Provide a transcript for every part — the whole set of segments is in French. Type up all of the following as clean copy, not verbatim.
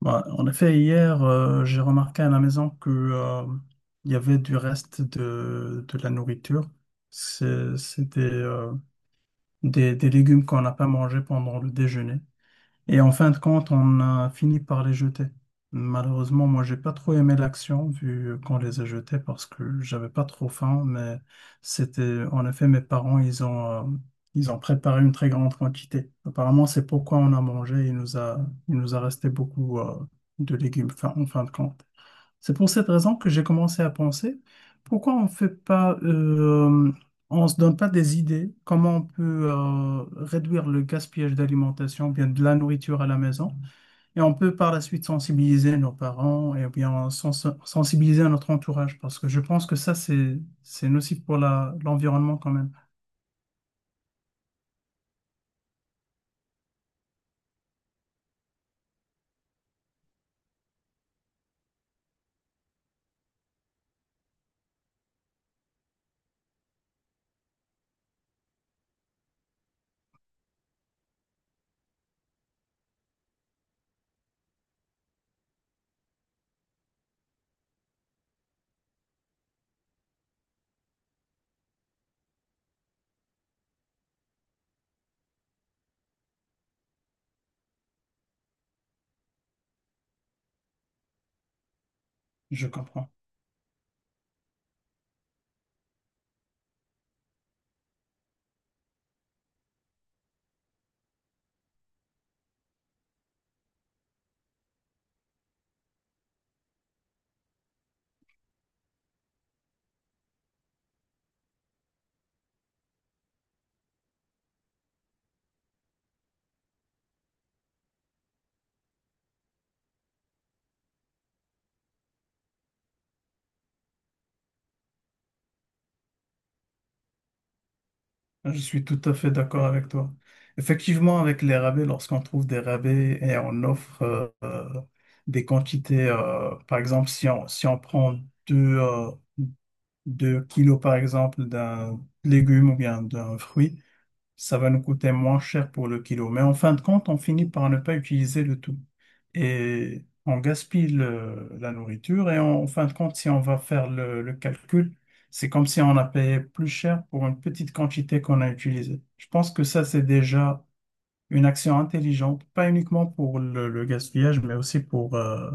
Bah, en effet, hier, j'ai remarqué à la maison que, il y avait du reste de la nourriture. C'était des légumes qu'on n'a pas mangés pendant le déjeuner. Et en fin de compte, on a fini par les jeter. Malheureusement, moi, j'ai pas trop aimé l'action vu qu'on les a jetés parce que j'avais pas trop faim, mais c'était, en effet, mes parents, ils ont préparé une très grande quantité. Apparemment, c'est pourquoi on a mangé. Il nous a resté beaucoup, de légumes, en fin de compte. C'est pour cette raison que j'ai commencé à penser, pourquoi on fait pas, on se donne pas des idées, comment on peut réduire le gaspillage d'alimentation, bien de la nourriture à la maison, et on peut par la suite sensibiliser nos parents et bien sensibiliser notre entourage, parce que je pense que ça, c'est nocif pour l'environnement quand même. Je comprends. Je suis tout à fait d'accord avec toi. Effectivement, avec les rabais, lorsqu'on trouve des rabais et on offre des quantités, par exemple, si on prend deux, euh, 2 kilos, par exemple, d'un légume ou bien d'un fruit, ça va nous coûter moins cher pour le kilo. Mais en fin de compte, on finit par ne pas utiliser le tout. Et on gaspille la nourriture. Et en fin de compte, si on va faire le calcul, c'est comme si on a payé plus cher pour une petite quantité qu'on a utilisée. Je pense que ça, c'est déjà une action intelligente, pas uniquement pour le gaspillage, mais aussi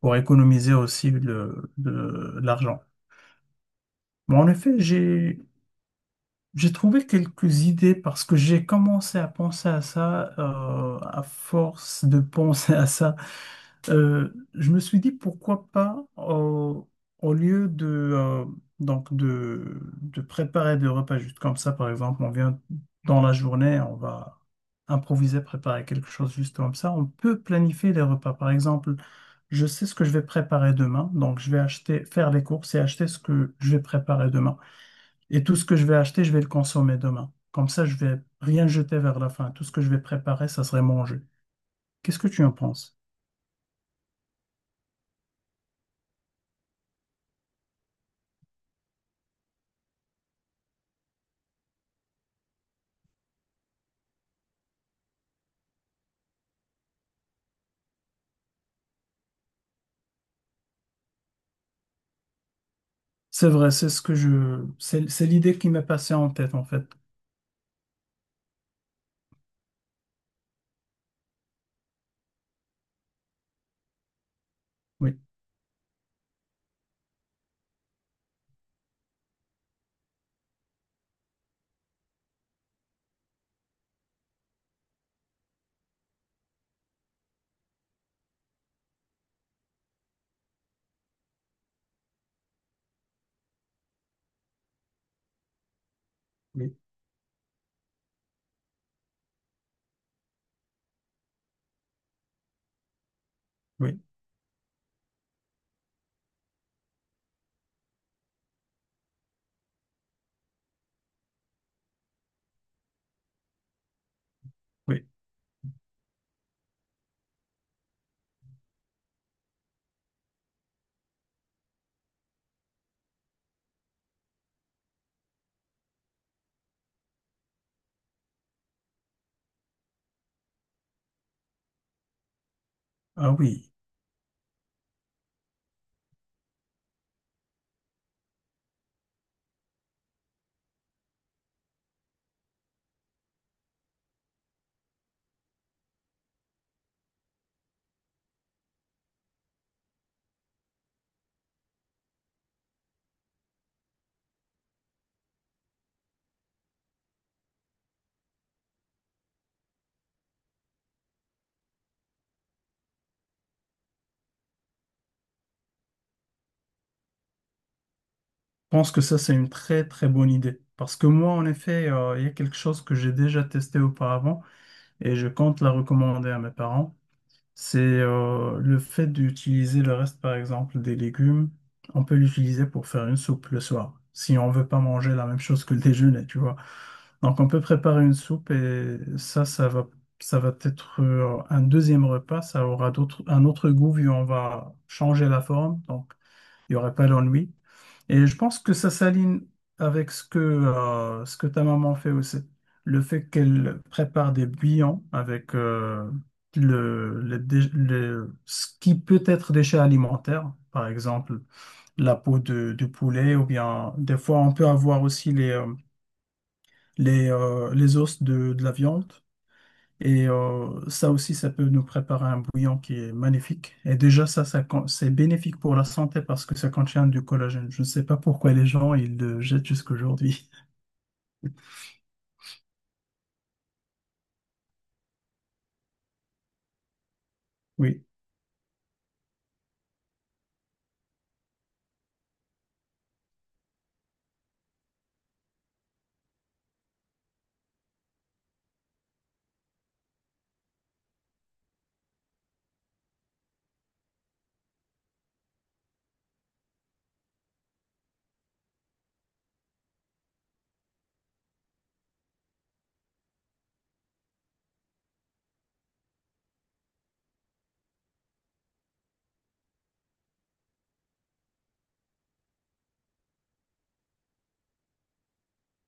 pour économiser aussi de l'argent. Bon, en effet, j'ai trouvé quelques idées parce que j'ai commencé à penser à ça, à force de penser à ça. Je me suis dit pourquoi pas, au lieu de préparer des repas juste comme ça, par exemple, on vient dans la journée, on va improviser, préparer quelque chose juste comme ça, on peut planifier les repas. Par exemple, je sais ce que je vais préparer demain, donc je vais acheter, faire les courses et acheter ce que je vais préparer demain. Et tout ce que je vais acheter, je vais le consommer demain. Comme ça, je vais rien jeter vers la fin. Tout ce que je vais préparer, ça serait manger. Qu'est-ce que tu en penses? C'est vrai, c'est ce que je, c'est l'idée qui m'est passée en tête, en fait. Oui, oui, oui, oui. Ah oui. Je pense que ça, c'est une très, très bonne idée. Parce que moi, en effet, il y a quelque chose que j'ai déjà testé auparavant et je compte la recommander à mes parents. C'est le fait d'utiliser le reste, par exemple, des légumes, on peut l'utiliser pour faire une soupe le soir, si on veut pas manger la même chose que le déjeuner, tu vois. Donc on peut préparer une soupe et ça, ça va être un deuxième repas, ça aura d'autres, un autre goût vu on va changer la forme. Donc il n'y aurait pas d'ennui. Et je pense que ça s'aligne avec ce que ta maman fait aussi. Le fait qu'elle prépare des bouillons avec ce qui peut être déchet alimentaire, par exemple la peau du poulet, ou bien des fois on peut avoir aussi les os de la viande. Et ça aussi, ça peut nous préparer un bouillon qui est magnifique. Et déjà, ça, c'est bénéfique pour la santé parce que ça contient du collagène. Je ne sais pas pourquoi les gens, ils le jettent jusqu'aujourd'hui. Oui,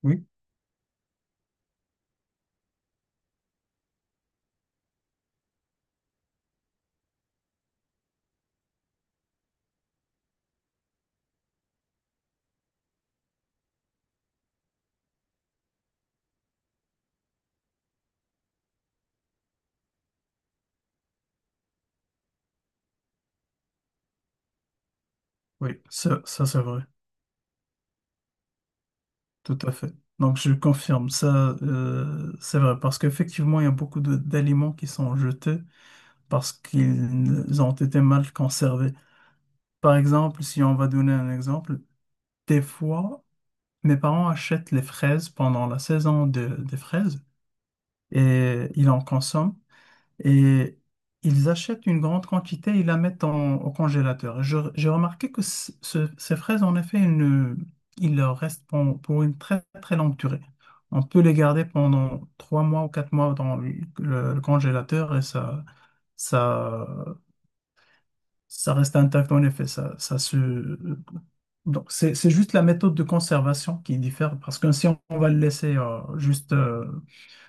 oui, oui, ça c'est vrai, tout à fait. Donc, je confirme, ça, c'est vrai, parce qu'effectivement, il y a beaucoup d'aliments qui sont jetés parce qu'ils ont été mal conservés. Par exemple, si on va donner un exemple, des fois, mes parents achètent les fraises pendant la saison des fraises. Et ils en consomment. Et ils achètent une grande quantité et la mettent au congélateur. Et j'ai remarqué que ces fraises, en effet, il leur reste pour une très très longue durée. On peut les garder pendant 3 mois ou 4 mois dans le congélateur et ça, ça reste intact en effet. Ça se. Donc c'est juste la méthode de conservation qui diffère parce que si on, on va le laisser juste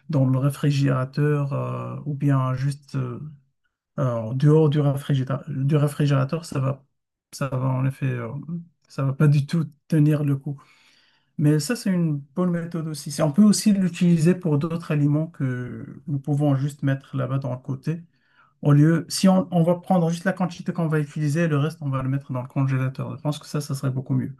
dans le réfrigérateur ou bien juste en dehors du réfrigérateur, ça va en effet, ça va pas du tout tenir le coup. Mais ça, c'est une bonne méthode aussi. On peut aussi l'utiliser pour d'autres aliments que nous pouvons juste mettre là-bas dans le côté au lieu, si on, on va prendre juste la quantité qu'on va utiliser, le reste, on va le mettre dans le congélateur. Je pense que ça serait beaucoup mieux.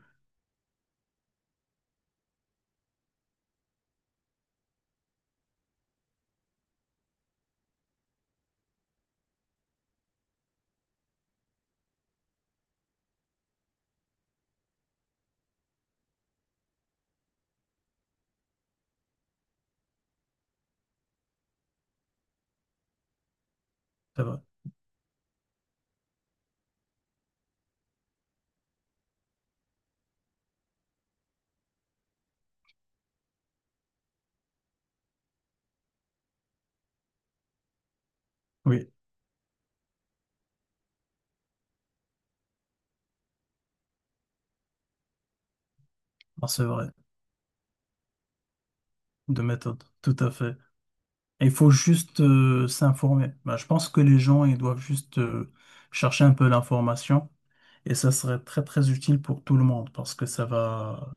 C'est vrai. Oui, non, c'est vrai. De méthode. Tout à fait. Il faut juste s'informer. Ben, je pense que les gens, ils doivent juste chercher un peu l'information et ça serait très très utile pour tout le monde parce que ça va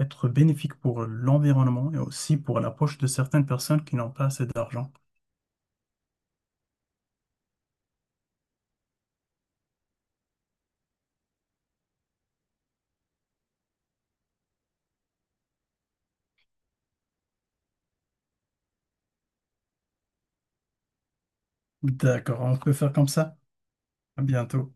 être bénéfique pour l'environnement et aussi pour la poche de certaines personnes qui n'ont pas assez d'argent. D'accord, on peut faire comme ça. À bientôt.